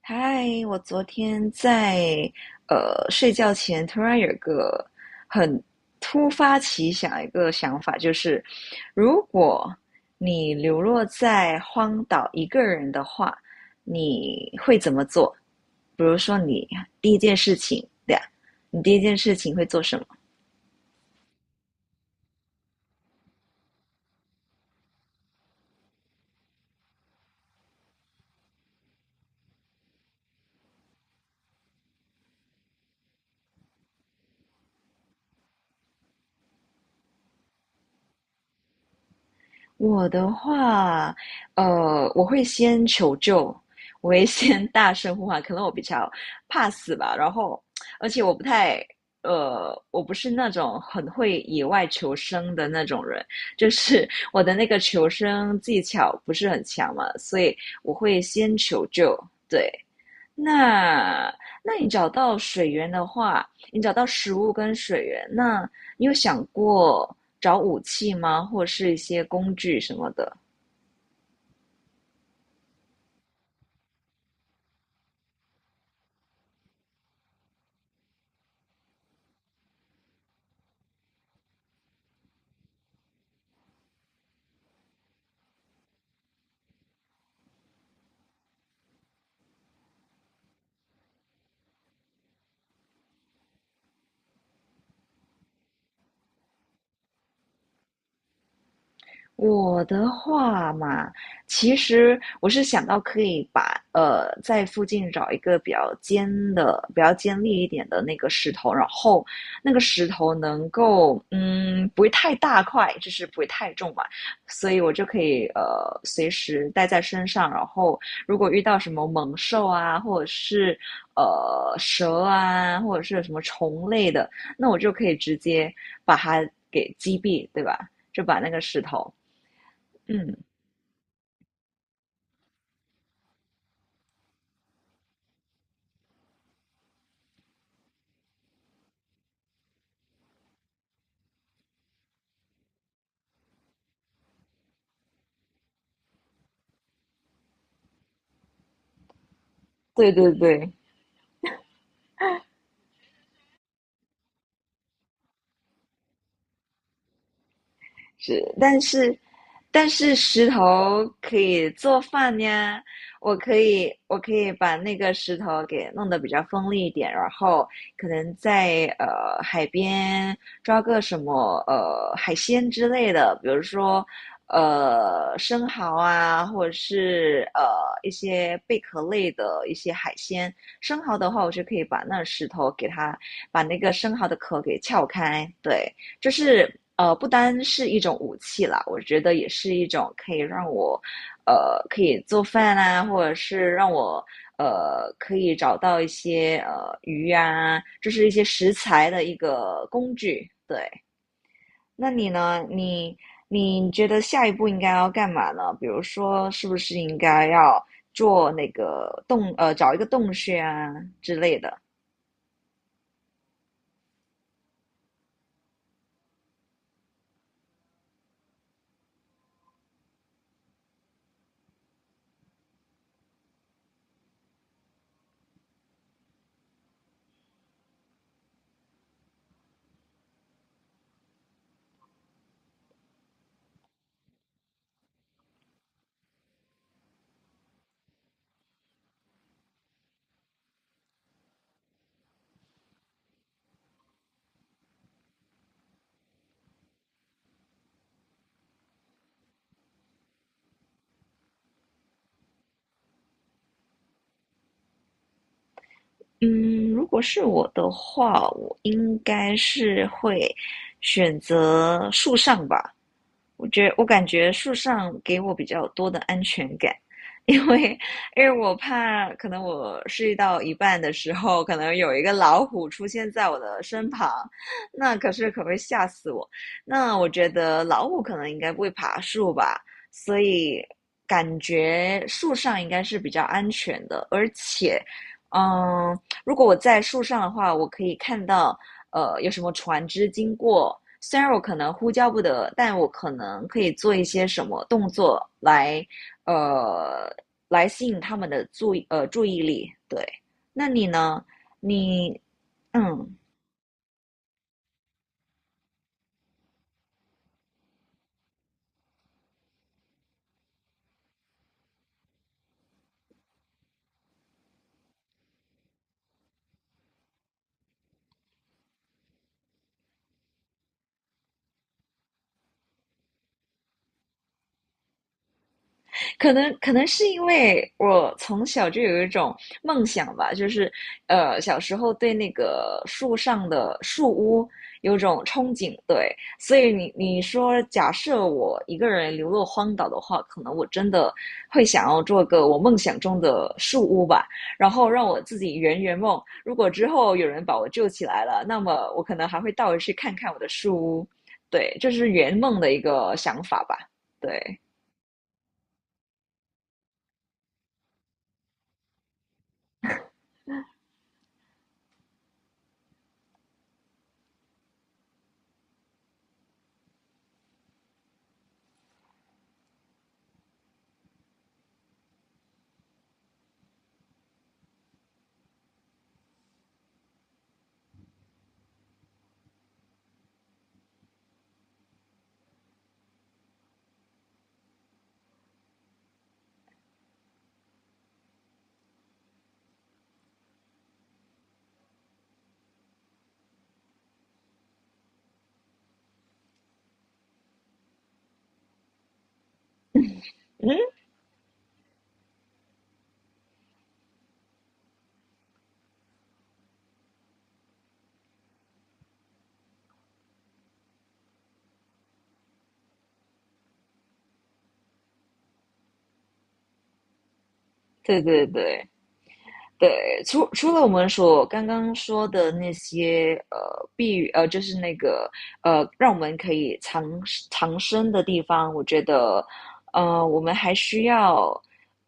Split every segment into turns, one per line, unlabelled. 嗨，我昨天在睡觉前突然有一个很突发奇想一个想法，就是如果你流落在荒岛一个人的话，你会怎么做？比如说，你第一件事情，对呀，你第一件事情会做什么？我的话，我会先求救，我会先大声呼喊，可能我比较怕死吧。然后，而且我不是那种很会野外求生的那种人，就是我的那个求生技巧不是很强嘛，所以我会先求救。对，那那你找到水源的话，你找到食物跟水源，那你有想过找武器吗？或是一些工具什么的？我的话嘛，其实我是想到可以在附近找一个比较尖的、比较尖利一点的那个石头，然后那个石头能够不会太大块，就是不会太重嘛，所以我就可以随时带在身上，然后如果遇到什么猛兽啊，或者是蛇啊，或者是什么虫类的，那我就可以直接把它给击毙，对吧？就把那个石头。嗯，对对对。是但是石头可以做饭呀，我可以把那个石头给弄得比较锋利一点，然后可能在海边抓个什么海鲜之类的，比如说生蚝啊，或者是一些贝壳类的一些海鲜。生蚝的话，我就可以把那石头给它把那个生蚝的壳给撬开，对。就是不单是一种武器啦，我觉得也是一种可以让我可以做饭啊，或者是让我可以找到一些鱼啊，就是一些食材的一个工具。对，那你呢？你觉得下一步应该要干嘛呢？比如说，是不是应该要做那个洞呃，找一个洞穴啊之类的？嗯，如果是我的话，我应该是会选择树上吧，我觉得我感觉树上给我比较多的安全感，因为因为我怕可能我睡到一半的时候，可能有一个老虎出现在我的身旁，那可是可会吓死我。那我觉得老虎可能应该不会爬树吧，所以感觉树上应该是比较安全的，而且，嗯，如果我在树上的话，我可以看到有什么船只经过，虽然我可能呼叫不得，但我可能可以做一些什么动作来呃来吸引他们的注意力。对，那你呢？你嗯，可能是因为我从小就有一种梦想吧，就是小时候对那个树上的树屋有种憧憬，对，所以你说假设我一个人流落荒岛的话，可能我真的会想要做个我梦想中的树屋吧，然后让我自己圆圆梦。如果之后有人把我救起来了，那么我可能还会倒回去看看我的树屋，对，这是圆梦的一个想法吧，对。嗯，对对对，对，除了我们所刚刚说的那些呃避呃，就是那个让我们可以藏身的地方，我觉得我们还需要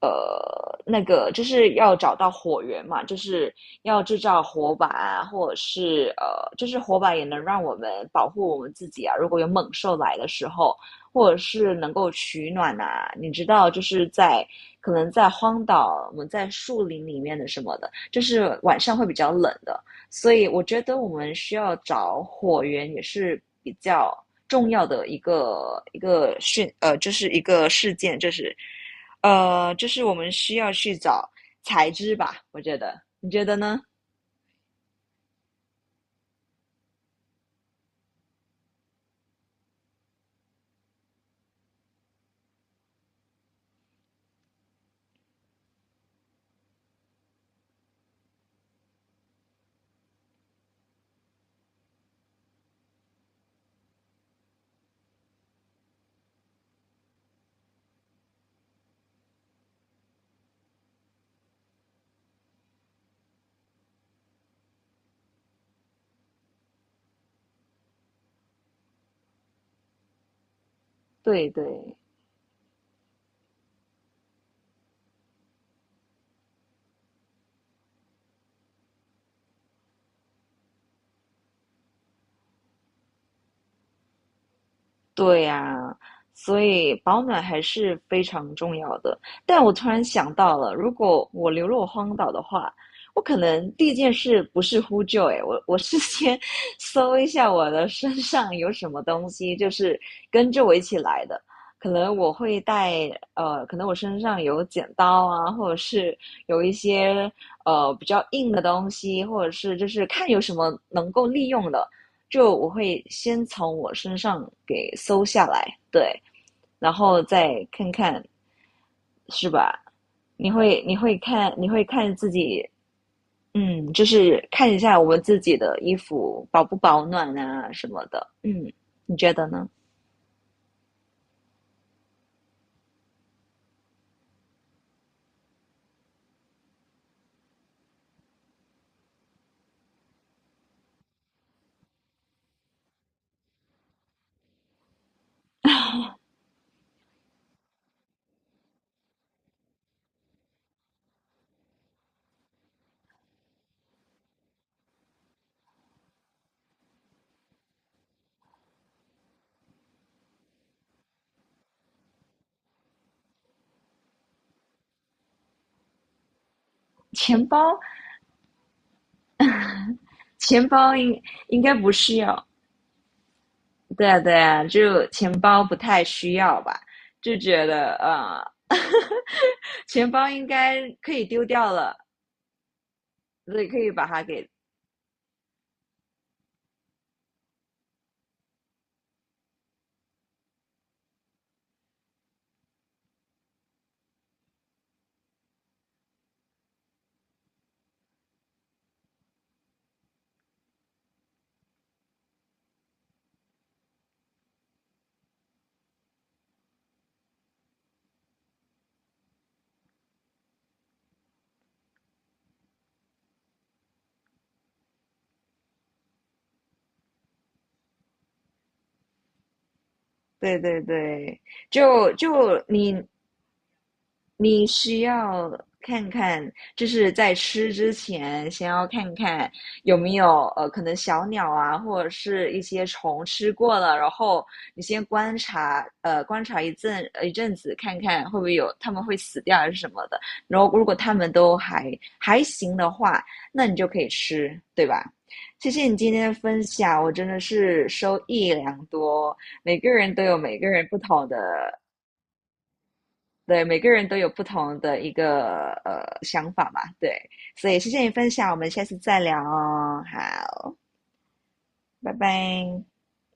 那个就是要找到火源嘛，就是要制造火把啊，或者是就是火把也能让我们保护我们自己啊。如果有猛兽来的时候，或者是能够取暖呐、你知道，就是可能在荒岛，我们在树林里面的什么的，就是晚上会比较冷的，所以我觉得我们需要找火源也是比较重要的一个就是一个事件，就是就是我们需要去找材质吧，我觉得，你觉得呢？对对，对呀，所以保暖还是非常重要的。但我突然想到了，如果我流落荒岛的话，我可能第一件事不是呼救，诶，我是先 搜一下我的身上有什么东西，就是跟着我一起来的。可能我会带，可能我身上有剪刀啊，或者是有一些比较硬的东西，或者是就是看有什么能够利用的。就我会先从我身上给搜下来，对，然后再看看，是吧？你会看自己，嗯，就是看一下我们自己的衣服保不保暖啊什么的，嗯，你觉得呢？钱包钱包应该不需要，对啊对啊，就钱包不太需要吧，就觉得钱包应该可以丢掉了，所以可以把它给对对对，就你，你需要看看，就是在吃之前，先要看看有没有可能小鸟啊，或者是一些虫吃过了，然后你先观察，观察一阵子，看看会不会有它们会死掉还是什么的。然后如果它们都还行的话，那你就可以吃，对吧？谢谢你今天的分享，我真的是收益良多。每个人都有每个人不同的，对，每个人都有不同的一个想法嘛，对，所以谢谢你分享，我们下次再聊哦，好，拜拜。